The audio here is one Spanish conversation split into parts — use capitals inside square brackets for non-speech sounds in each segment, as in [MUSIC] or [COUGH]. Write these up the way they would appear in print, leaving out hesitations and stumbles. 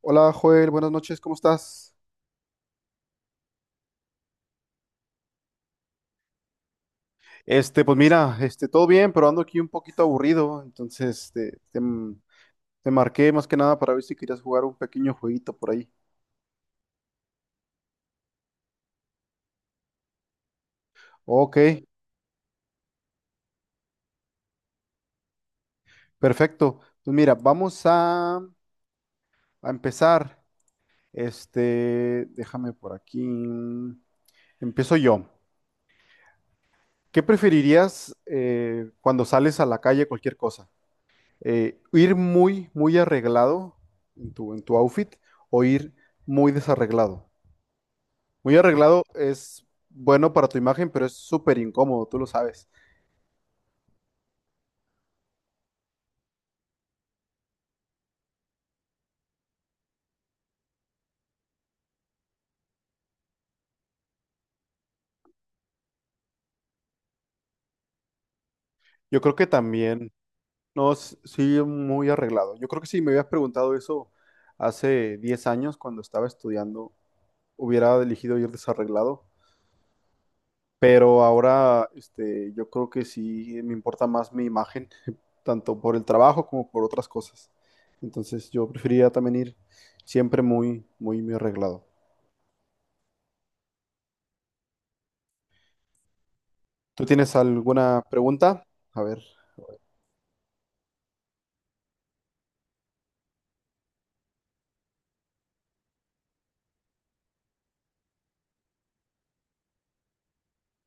Hola Joel, buenas noches, ¿cómo estás? Pues mira, todo bien, pero ando aquí un poquito aburrido, entonces te marqué más que nada para ver si querías jugar un pequeño jueguito por ahí. Ok, perfecto. Pues mira, vamos a empezar. Déjame por aquí. Empiezo yo. ¿Qué preferirías cuando sales a la calle, cualquier cosa? ¿Ir muy, muy arreglado en tu outfit o ir muy desarreglado? Muy arreglado es bueno para tu imagen, pero es súper incómodo, tú lo sabes. Yo creo que también. No, sí, muy arreglado. Yo creo que si me hubieras preguntado eso hace 10 años cuando estaba estudiando, hubiera elegido ir desarreglado. Pero ahora, yo creo que sí me importa más mi imagen, tanto por el trabajo como por otras cosas. Entonces, yo preferiría también ir siempre muy, muy, muy arreglado. ¿Tú tienes alguna pregunta? A ver.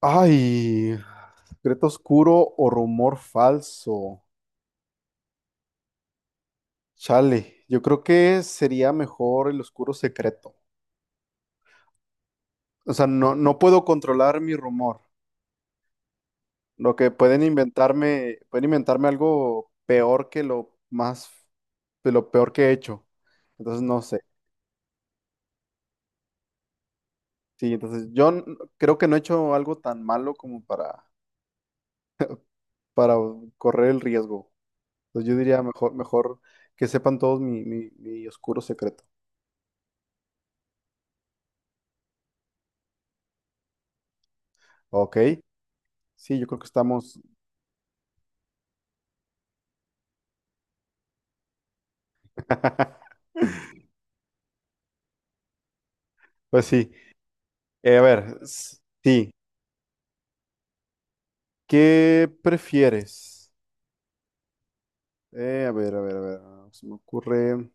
Ay. ¿Secreto oscuro o rumor falso? Chale, yo creo que sería mejor el oscuro secreto. O sea, no, no puedo controlar mi rumor. Lo que pueden inventarme algo peor que lo más, de lo peor que he hecho. Entonces no sé. Sí, entonces creo que no he hecho algo tan malo como para correr el riesgo. Entonces yo diría mejor, mejor que sepan todos mi oscuro secreto. Ok. Sí, yo creo que estamos. [LAUGHS] Pues sí. Eh, a ver, s- sí, ¿qué prefieres? A ver, a ver, a ver, ah, se me ocurre.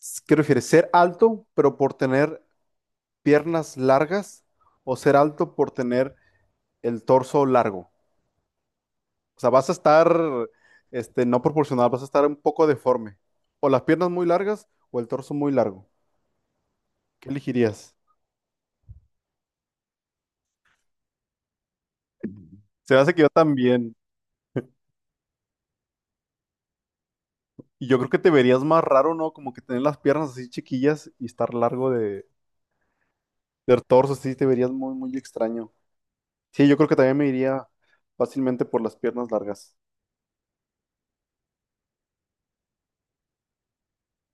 ¿Qué prefieres? ¿Ser alto pero por tener piernas largas o ser alto por tener el torso largo? O sea, vas a estar, no proporcional, vas a estar un poco deforme. O las piernas muy largas o el torso muy largo. ¿Qué elegirías? Se me hace que yo también. Y yo creo que te verías más raro, ¿no? Como que tener las piernas así chiquillas y estar largo de. Del torso, sí, te verías muy, muy extraño. Sí, yo creo que también me iría fácilmente por las piernas largas.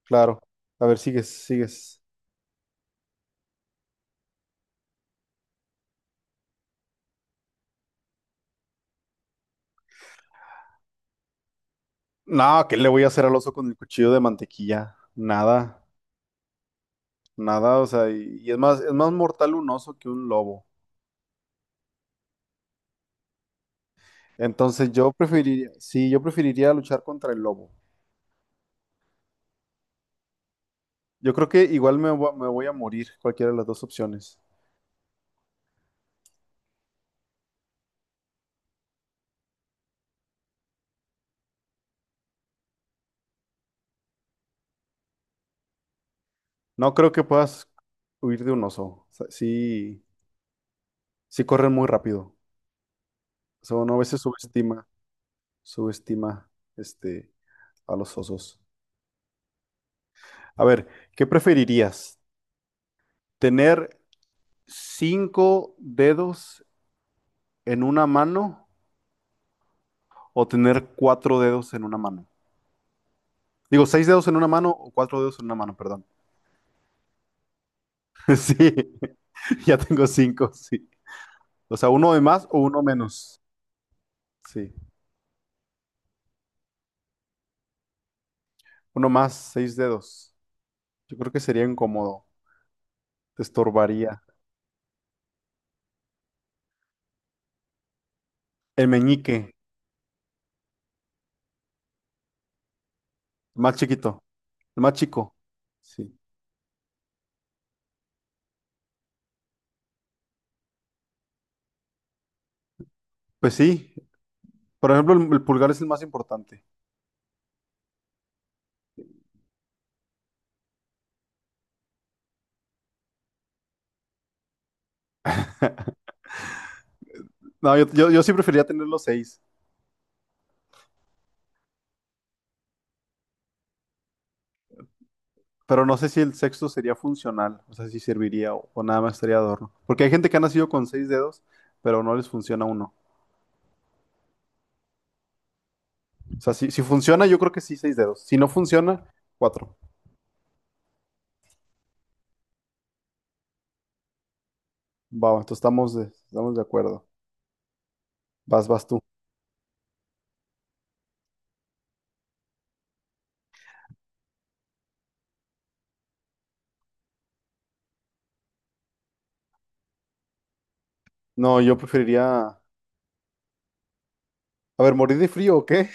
Claro. A ver, sigues, sigues. No, ¿qué le voy a hacer al oso con el cuchillo de mantequilla? Nada, nada, o sea, y es más mortal un oso que un lobo. Entonces yo preferiría, sí, yo preferiría luchar contra el lobo. Yo creo que igual me voy a morir, cualquiera de las dos opciones. No creo que puedas huir de un oso. O sea, sí, sí corren muy rápido. O sea, uno a veces subestima. subestima este, a los osos. A ver, ¿qué preferirías? ¿Tener cinco dedos en una mano o tener cuatro dedos en una mano? Digo, seis dedos en una mano o cuatro dedos en una mano, perdón. [LAUGHS] Sí, [LAUGHS] ya tengo cinco, sí. O sea, uno de más o uno menos. Sí, uno más, seis dedos. Yo creo que sería incómodo, te estorbaría. El meñique, el más chiquito, el más chico. Sí. Pues sí. Por ejemplo, el pulgar es el más importante. No, yo sí prefería tener los seis, pero no sé si el sexto sería funcional, o sea, si serviría o nada más sería adorno. Porque hay gente que ha nacido con seis dedos, pero no les funciona uno. O sea, si funciona, yo creo que sí, seis dedos. Si no funciona, cuatro. Va, entonces estamos de acuerdo. Vas tú. No, yo preferiría, a ver, ¿morir de frío o qué?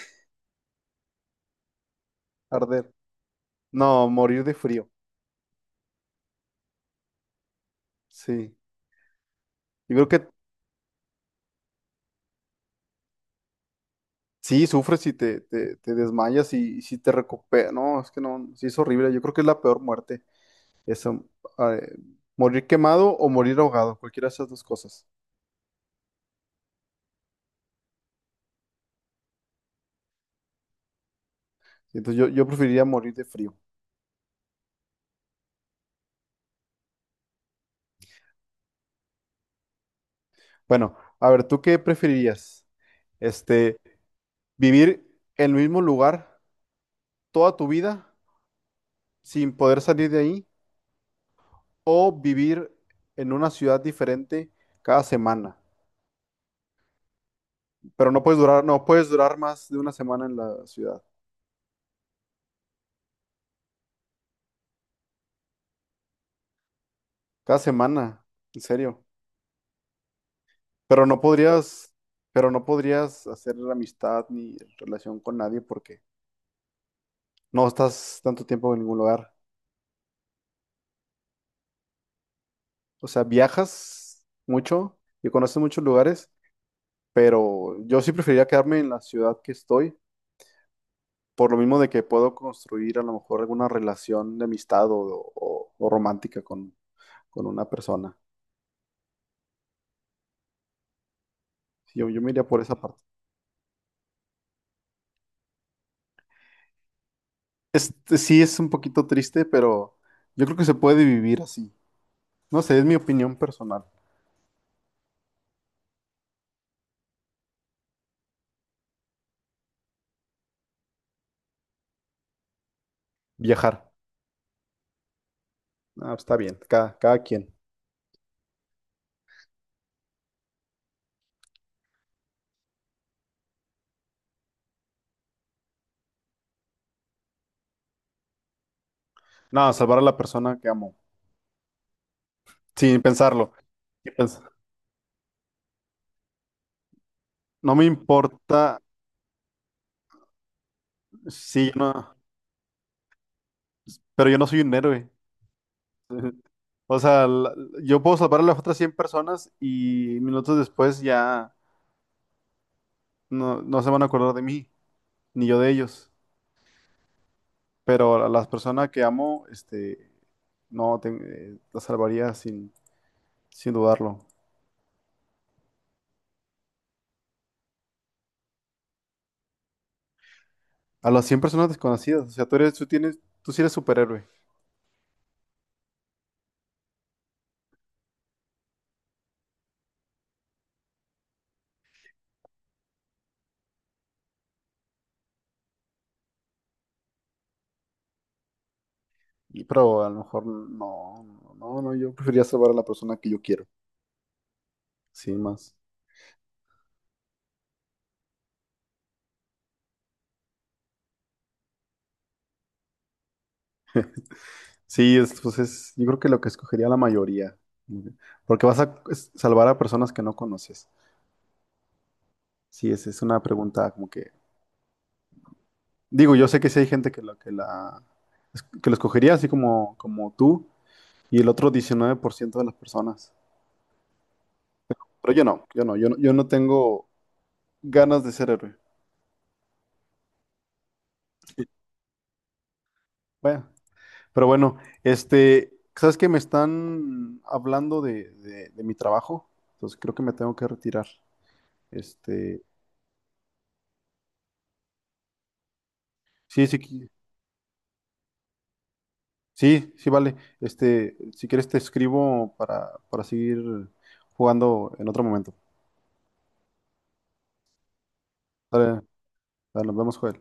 [LAUGHS] Arder. No, morir de frío. Sí. Yo creo que sí, sufres y te desmayas y si te recuperas. No, es que no, sí es horrible. Yo creo que es la peor muerte. Esa, eh, morir quemado o morir ahogado, cualquiera de esas dos cosas. Entonces yo preferiría morir de frío. Bueno, a ver, ¿tú qué preferirías? Este, ¿vivir en el mismo lugar toda tu vida sin poder salir de ahí o vivir en una ciudad diferente cada semana? No puedes durar más de una semana en la ciudad. Cada semana, en serio. Pero no podrías, pero no podrías hacer amistad ni relación con nadie porque no estás tanto tiempo en ningún lugar. O sea, viajas mucho y conoces muchos lugares, pero yo sí preferiría quedarme en la ciudad que estoy, por lo mismo de que puedo construir a lo mejor alguna relación de amistad o romántica con una persona. Sí, yo me iría por esa parte. Este sí es un poquito triste, pero yo creo que se puede vivir así. No sé, es mi opinión personal. Viajar. Ah, pues está bien, cada, cada quien. No, salvar a la persona que amo, sin pensarlo. Y pues, no me importa si yo no, pero yo no soy un héroe. O sea, yo puedo salvar a las otras 100 personas y minutos después ya no, no se van a acordar de mí, ni yo de ellos. Pero a las personas que amo, no, las salvaría sin, sin dudarlo. A las 100 personas desconocidas, o sea, tú sí eres superhéroe. Pero a lo mejor no, no, no, no, yo preferiría salvar a la persona que yo quiero, sí, más. Sí, pues es, yo creo que lo que escogería la mayoría, como que- porque vas a salvar a personas que no conoces. Sí, es una pregunta como que, digo, yo sé que sí hay gente que lo escogería así como tú y el otro 19% de las personas. Pero yo no tengo ganas de ser héroe. Sí. Bueno. Pero bueno, ¿Sabes que me están hablando de mi trabajo? Entonces creo que me tengo que retirar. Este, sí, sí, qui- sí, sí, vale. Si quieres te escribo para seguir jugando en otro momento. Dale, dale, nos vemos, Joel.